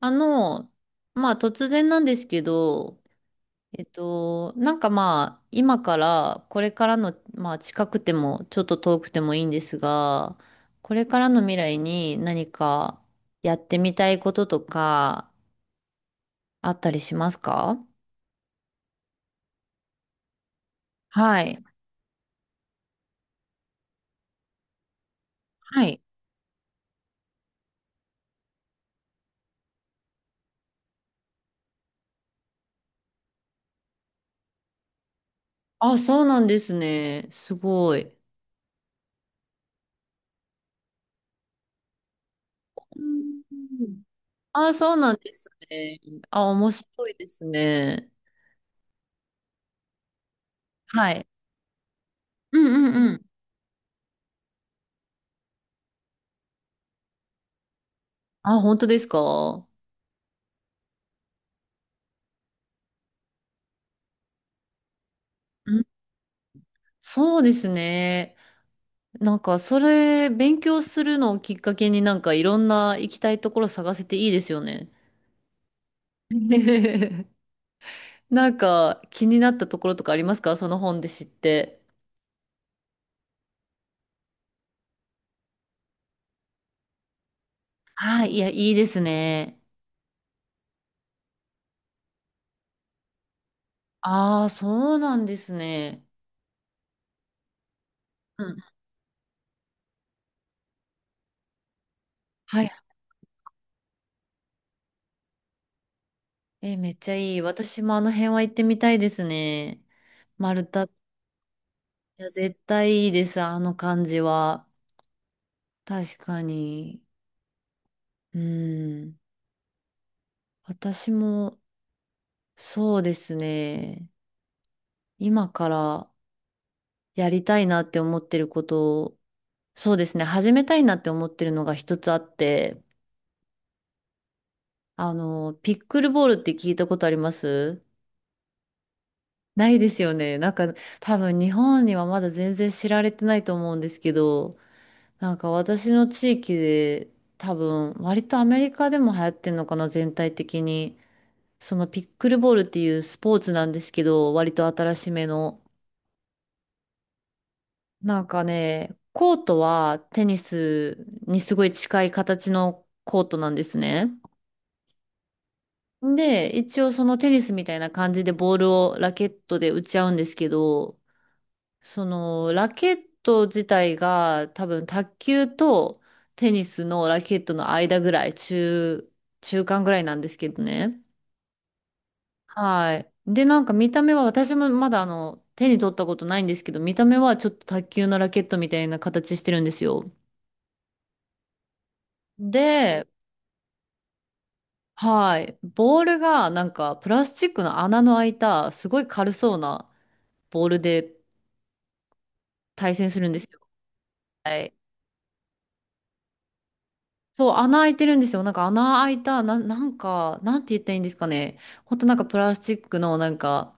あの、まあ突然なんですけど、なんかまあ今からこれからの、まあ近くてもちょっと遠くてもいいんですが、これからの未来に何かやってみたいこととかあったりしますか？はい。はい。あ、そうなんですね。すごい。うん。あ、そうなんですね。あ、面白いですね。はい。うんうんうん。あ、本当ですか？そうですね。なんか、それ、勉強するのをきっかけになんかいろんな行きたいところ探せていいですよね。なんか、気になったところとかありますか、その本で知って。はい、いや、いいですね。ああ、そうなんですね。うん。はい。え、めっちゃいい。私もあの辺は行ってみたいですね。丸太。いや、絶対いいです、あの感じは。確かに。うん。私も、そうですね、今からやりたいなって思ってることを、そうですね、始めたいなって思ってるのが一つあって、あの、ピックルボールって聞いたことあります？ないですよね。なんか多分日本にはまだ全然知られてないと思うんですけど、なんか私の地域で多分割とアメリカでも流行ってんのかな、全体的に。そのピックルボールっていうスポーツなんですけど、割と新しめの。なんかね、コートはテニスにすごい近い形のコートなんですね。で、一応そのテニスみたいな感じでボールをラケットで打ち合うんですけど、そのラケット自体が多分卓球とテニスのラケットの間ぐらい、中間ぐらいなんですけどね。はい。で、なんか見た目は私もまだあの手に取ったことないんですけど、見た目はちょっと卓球のラケットみたいな形してるんですよ。で、はい。ボールがなんかプラスチックの穴の開いたすごい軽そうなボールで対戦するんですよ。はい。そう、穴開いてるんですよ。なんか穴開いた、なんか、なんて言ったらいいんですかね。ほんとなんかプラスチックのなんか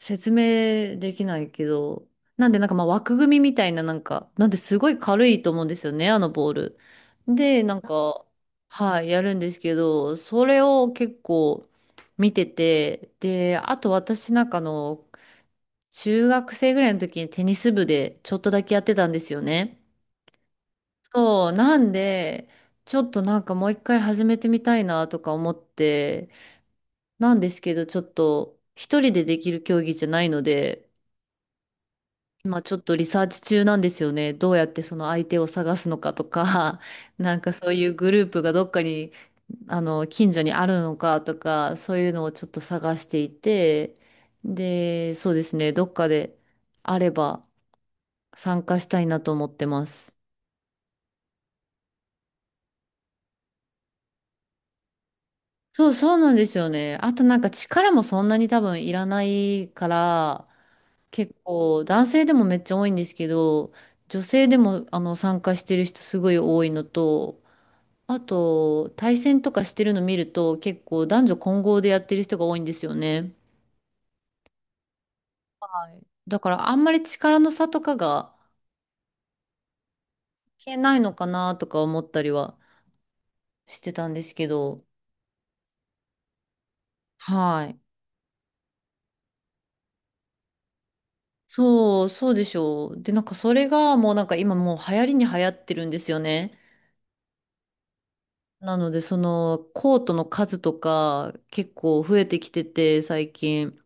説明できないけど。なんでなんかまあ枠組みみたいななんか、なんですごい軽いと思うんですよね、あのボール。で、なんか、はい、やるんですけど、それを結構見てて、で、あと私なんかあの、中学生ぐらいの時にテニス部でちょっとだけやってたんですよね。そう、なんで、ちょっとなんかもう一回始めてみたいなとか思って、なんですけど、ちょっと一人でできる競技じゃないので、今ちょっとリサーチ中なんですよね。どうやってその相手を探すのかとか、なんかそういうグループがどっかに、あの、近所にあるのかとか、そういうのをちょっと探していて、で、そうですね、どっかであれば、参加したいなと思ってます。そう、そうなんですよね。あとなんか力もそんなに多分いらないから、結構男性でもめっちゃ多いんですけど、女性でもあの参加してる人すごい多いのと、あと対戦とかしてるの見ると結構男女混合でやってる人が多いんですよね。はい。だからあんまり力の差とかが消えないのかなとか思ったりはしてたんですけど、はい。そう、そうでしょう。で、なんかそれがもうなんか今もう流行りに流行ってるんですよね。なので、そのコートの数とか結構増えてきてて、最近。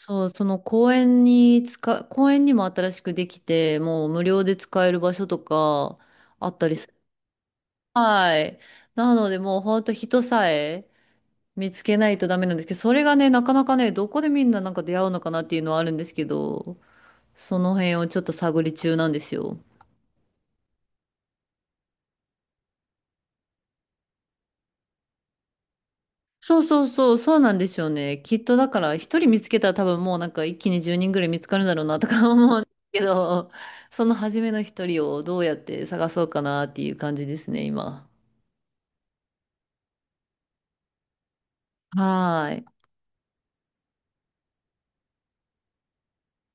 そう、その公園にも新しくできて、もう無料で使える場所とかあったりする。はい。なので、もう本当人さえ見つけないとダメなんですけど、それがね、なかなかね、どこでみんななんか出会うのかなっていうのはあるんですけど、その辺をちょっと探り中なんですよ。そうなんですよね。きっとだから一人見つけたら多分もうなんか一気に10人ぐらい見つかるんだろうなとか 思うんですけど、その初めの一人をどうやって探そうかなっていう感じですね、今。はーい。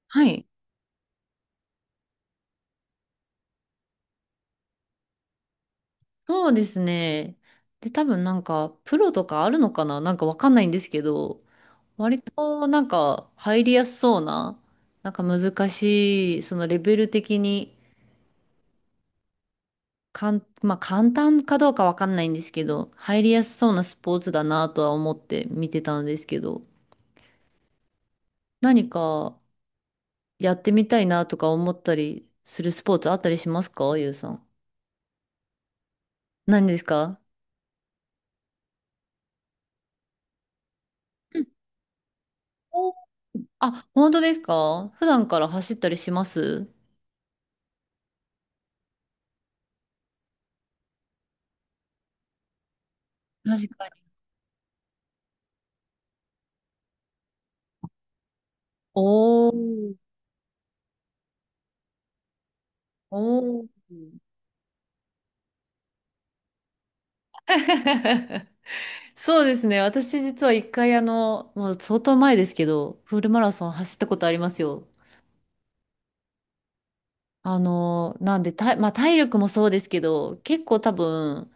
はい。そうですね。で、多分なんかプロとかあるのかななんかわかんないんですけど、割となんか入りやすそうな、なんか難しい、そのレベル的に。まあ、簡単かどうかわかんないんですけど、入りやすそうなスポーツだなとは思って見てたんですけど、何かやってみたいなとか思ったりするスポーツあったりしますか、ゆうさん。何ですか？うん。お。あ、本当ですか？普段から走ったりします？確かに。おー。おー。そうですね。私実は一回あの、もう相当前ですけど、フルマラソン走ったことありますよ。あの、なんで、た、まあ、体力もそうですけど、結構多分、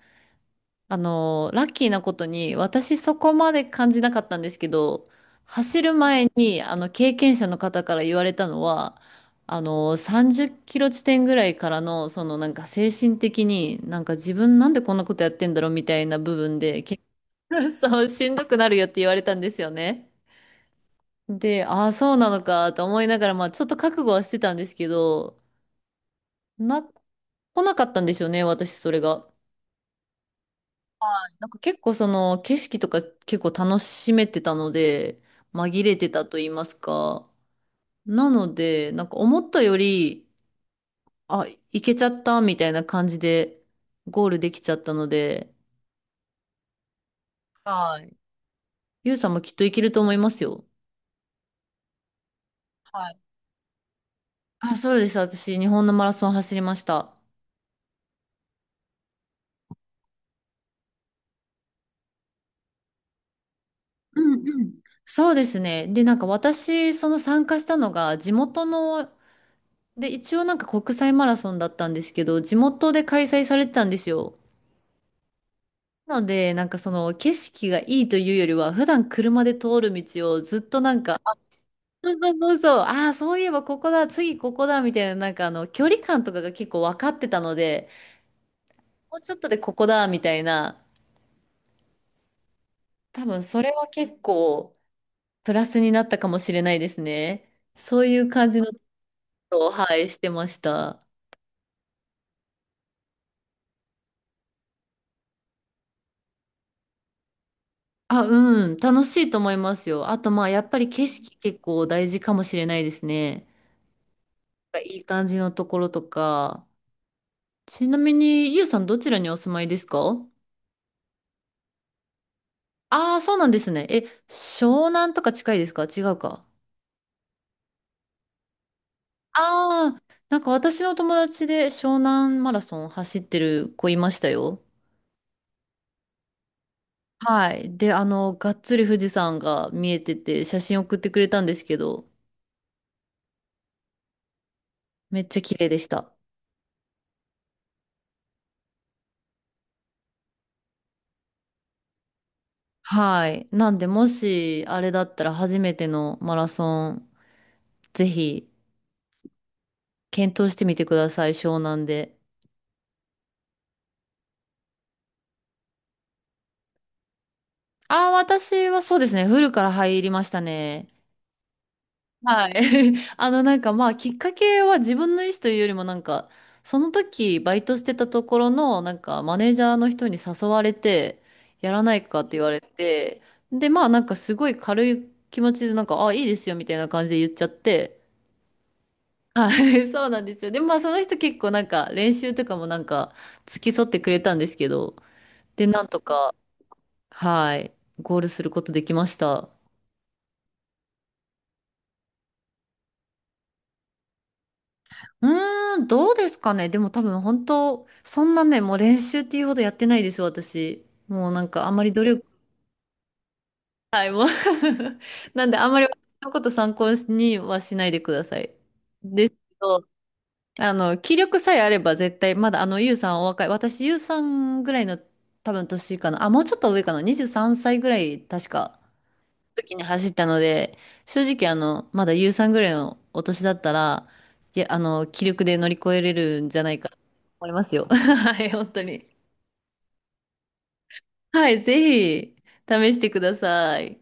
あの、ラッキーなことに、私そこまで感じなかったんですけど、走る前に、あの、経験者の方から言われたのは、あの、30キロ地点ぐらいからの、そのなんか精神的に、なんか自分なんでこんなことやってんだろうみたいな部分で、結構 そう、しんどくなるよって言われたんですよね。で、ああ、そうなのかと思いながら、まあ、ちょっと覚悟はしてたんですけど、なっ来なかったんですよね、私、それが。なんか結構その景色とか結構楽しめてたので、紛れてたと言いますか。なので、なんか思ったより、あ、行けちゃったみたいな感じでゴールできちゃったので、はい。ゆうさんもきっと行けると思いますよ。はい。あ、そうです。私、日本のマラソン走りました。うんうん。そうですね。で、なんか私、その参加したのが、地元ので、一応なんか国際マラソンだったんですけど、地元で開催されてたんですよ。なので、なんかその景色がいいというよりは、普段車で通る道をずっとなんか、あ、そう、ああ、そういえばここだ、次ここだ、みたいな、なんかあの、距離感とかが結構分かってたので、もうちょっとでここだ、みたいな、多分それは結構プラスになったかもしれないですね。そういう感じのことを、はい、してました。あ、うん、楽しいと思いますよ。あと、まあ、やっぱり景色結構大事かもしれないですね。いい感じのところとか。ちなみに、ゆうさんどちらにお住まいですか？ああー、そうなんですね。え、湘南とか近いですか？違うか。ああ、なんか私の友達で湘南マラソン走ってる子いましたよ。はい。で、あの、がっつり富士山が見えてて、写真送ってくれたんですけど、めっちゃ綺麗でした。はい。なんで、もし、あれだったら初めてのマラソン、ぜひ、検討してみてください、湘南で。ああ、私はそうですね、フルから入りましたね。はい。あの、なんかまあ、きっかけは自分の意思というよりも、なんか、その時、バイトしてたところの、なんか、マネージャーの人に誘われて、やらないかって言われて、で、まあ、なんか、すごい軽い気持ちで、なんか、ああ、いいですよ、みたいな感じで言っちゃって、はい、そうなんですよ。でもまあその人結構なんか練習とかもなんか付き添ってくれたんですけど、で、なんとか、はい、ゴールすることできました。うーん、どうですかね。でも多分本当、そんなね、もう練習っていうほどやってないです、私。もうなんかあんまり努力。なんであんまり私のこと参考にはしないでください。ですけど、あの、気力さえあれば絶対、まだあの、ゆうさんお若い。私、ゆうさんぐらいの多分年かな。あ、もうちょっと上かな。23歳ぐらい、確か、時に走ったので、正直あの、まだゆうさんぐらいのお年だったら、いや、あの、気力で乗り越えれるんじゃないかと思いますよ。はい、本当に。はい、ぜひ、試してください。